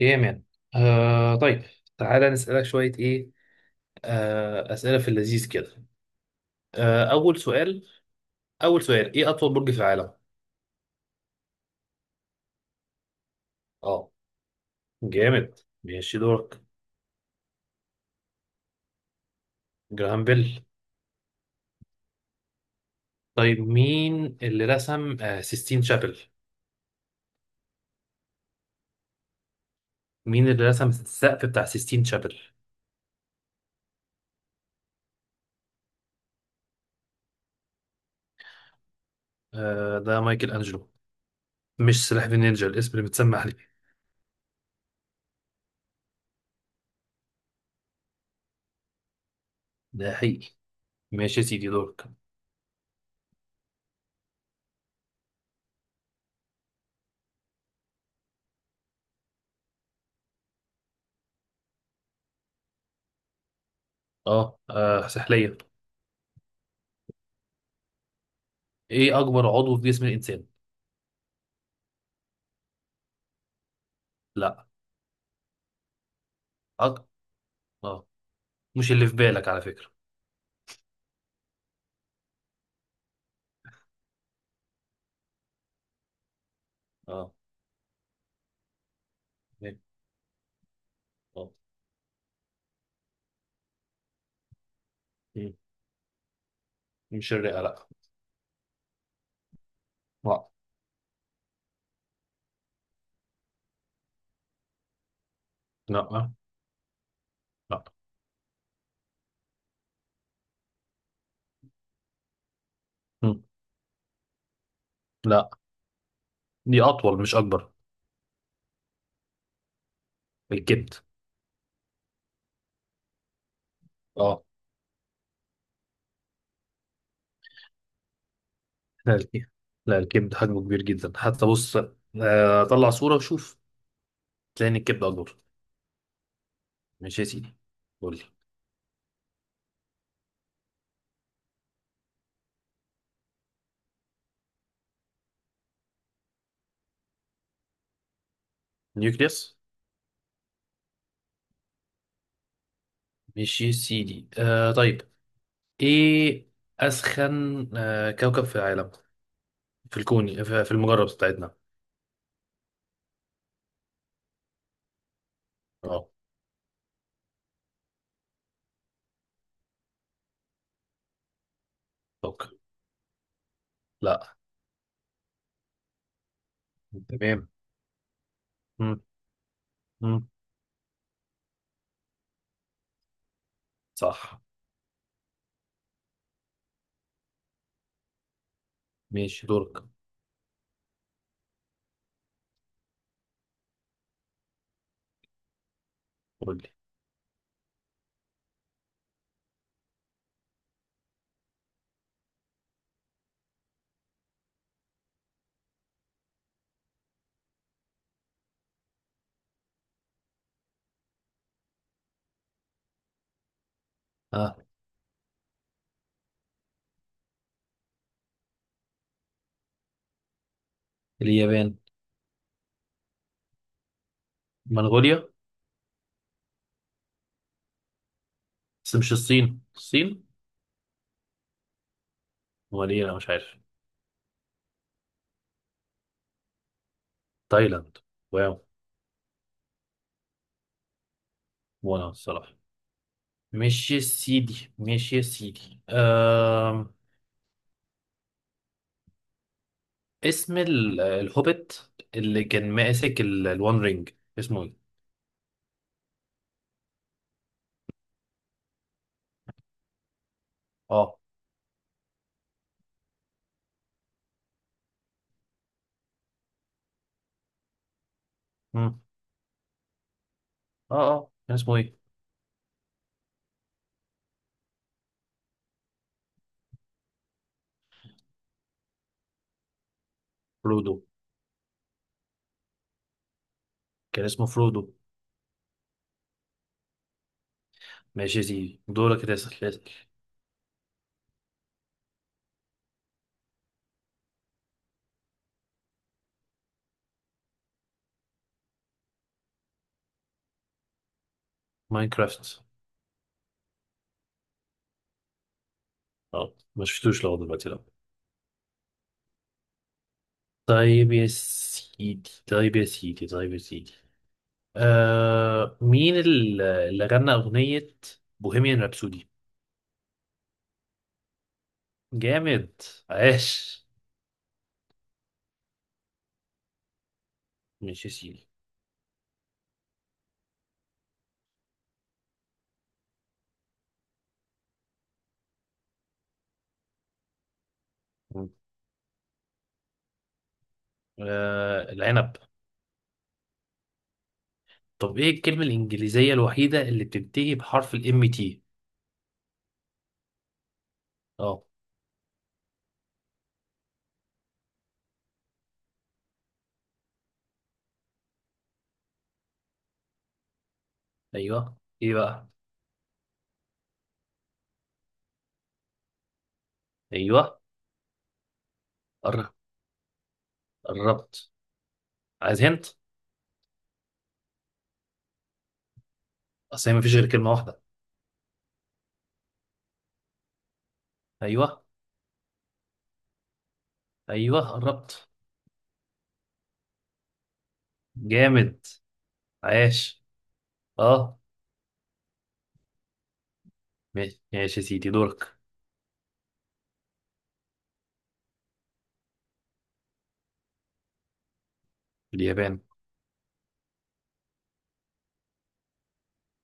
ايه يا مان. آه طيب، تعالى نسألك شوية ايه، أسئلة في اللذيذ كده. آه أول سؤال أول سؤال، ايه أطول برج في العالم؟ اه، جامد، ماشي دورك. جراهام بيل. طيب مين اللي رسم سيستين شابل؟ مين اللي رسم السقف بتاع سيستين شابل؟ ده مايكل أنجلو. مش سلاح ذو النينجا الاسم اللي متسمى عليه؟ ده حقيقي. ماشي يا سيدي، دورك. اه, سحلية. ايه أكبر عضو في جسم الإنسان؟ لا. أك... اه، مش اللي في بالك على فكرة. اه، إيه؟ آه. مم. مش الرئة، لا. لا، لا، لا. مم. لا. دي أطول مش أكبر. الكبد. اه. لا الكبد. لا الكبد حجمه كبير جدا، حتى بص. طلع صورة وشوف، تلاقي إن الكبد أكبر. ماشي يا سيدي، قول لي. نيوكليوس. ماشي يا سيدي، طيب، إيه أسخن كوكب في العالم، في الكون، في المجرة بتاعتنا. اه. اوكي. لا. تمام. مم. مم. صح. ماشي دورك، قول لي. اليابان. منغوليا. بس مش الصين الصين؟ ولا ايه، انا مش عارف. تايلاند. واو. وانا الصراحه. ماشي يا سيدي، اسم الهوبيت اللي كان ماسك الوان رينج، اسمه ايه؟ اه. مم. اه، اه كان اسمه ايه؟ فرودو. كان اسمه فرودو. ماشي يا سيدي، دورك، تسأل اسأل. ماينكرافت. اه ما شفتوش لغايه دلوقتي، لا. طيب يا سيدي، مين اللي غنى أغنية بوهيميان رابسودي؟ جامد. عاش. مش يا سيدي. العنب. طب ايه الكلمة الإنجليزية الوحيدة اللي بتنتهي بحرف الام تي؟ اه. ايوه، ايه بقى؟ ايوه. قر- قربت. عايز هنت؟ اصل هي مفيش غير كلمة واحدة. ايوه. ايوه قربت. جامد. عاش. اه. ماشي، ماشي يا سيدي دورك. اليابان.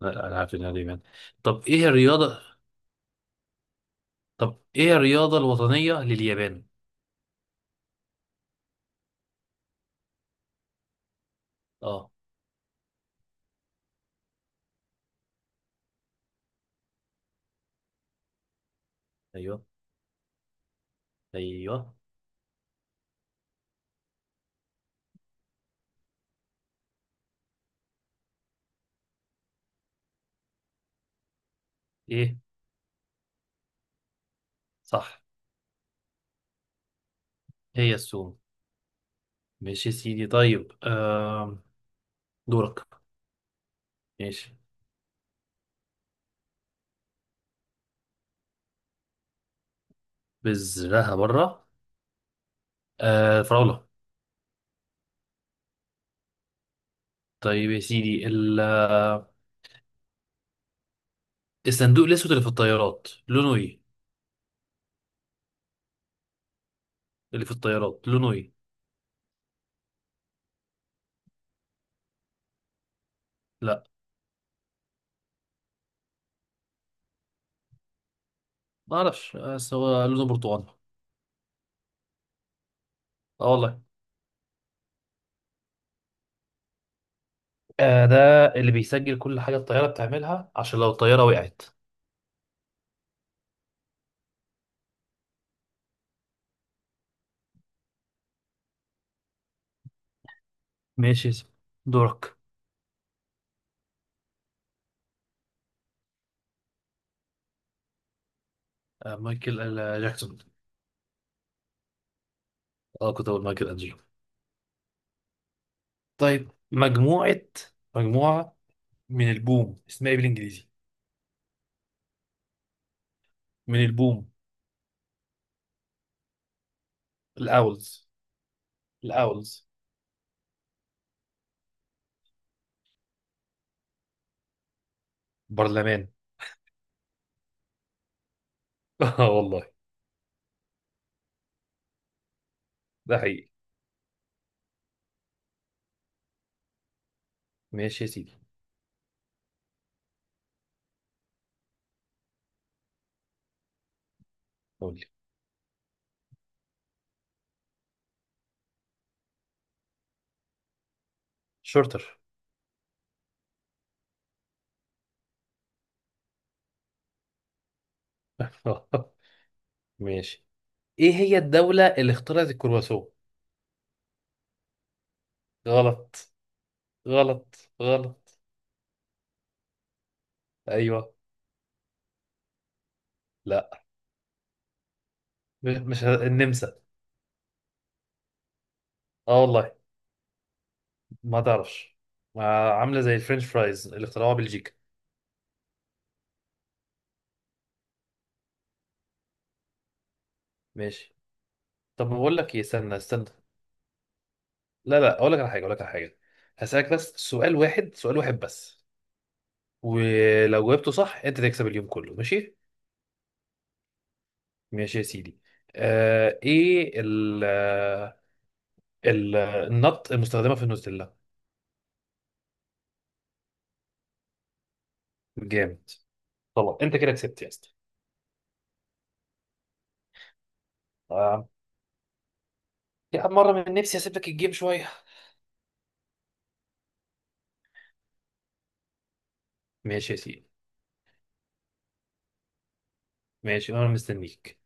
لا، انا عارف انها اليابان. طب ايه الرياضة طب ايه الرياضة الوطنية لليابان؟ اه. ايوه. ايوه. ايه. صح. هي السومو. ماشي يا سيدي، طيب، دورك. ماشي. بذرها بره؟ فراولة. طيب يا سيدي، الصندوق الاسود اللي في الطيارات لونه ايه؟ اللي في الطيارات لونه ايه؟ لا، ما اعرفش، بس هو لونه برتقاني. اه والله. ده اللي بيسجل كل حاجة الطيارة بتعملها عشان لو الطيارة وقعت. ماشي يا سيدي، دورك. مايكل جاكسون. اه كنت اقول مايكل انجلو. طيب، مجموعة من البوم، اسمها ايه بالانجليزي؟ من البوم. الاولز. الاولز. برلمان. اه والله. ده حقيقي. ماشي يا سيدي، قول لي. شورتر. ماشي. ايه هي الدولة اللي اخترعت الكرواسون؟ غلط. غلط، غلط. ايوه. لا. مش النمسا. اه والله. ما تعرفش. ما عاملة زي الفرنش فرايز اللي اخترعوها بلجيكا. ماشي. طب بقول لك ايه، استنى استنى. لا لا، اقول لك على حاجه، هسألك بس سؤال واحد، سؤال واحد بس. ولو جاوبته صح انت تكسب اليوم كله، ماشي؟ ماشي يا سيدي. ايه ال النط المستخدمه في النوتيلا؟ جامد. طبعا انت كده كسبت يا اسطى. آه. يا عم مره من نفسي هسيب لك الجيم شويه. ماشي يا سيدي. ماشي، انا مستنيك.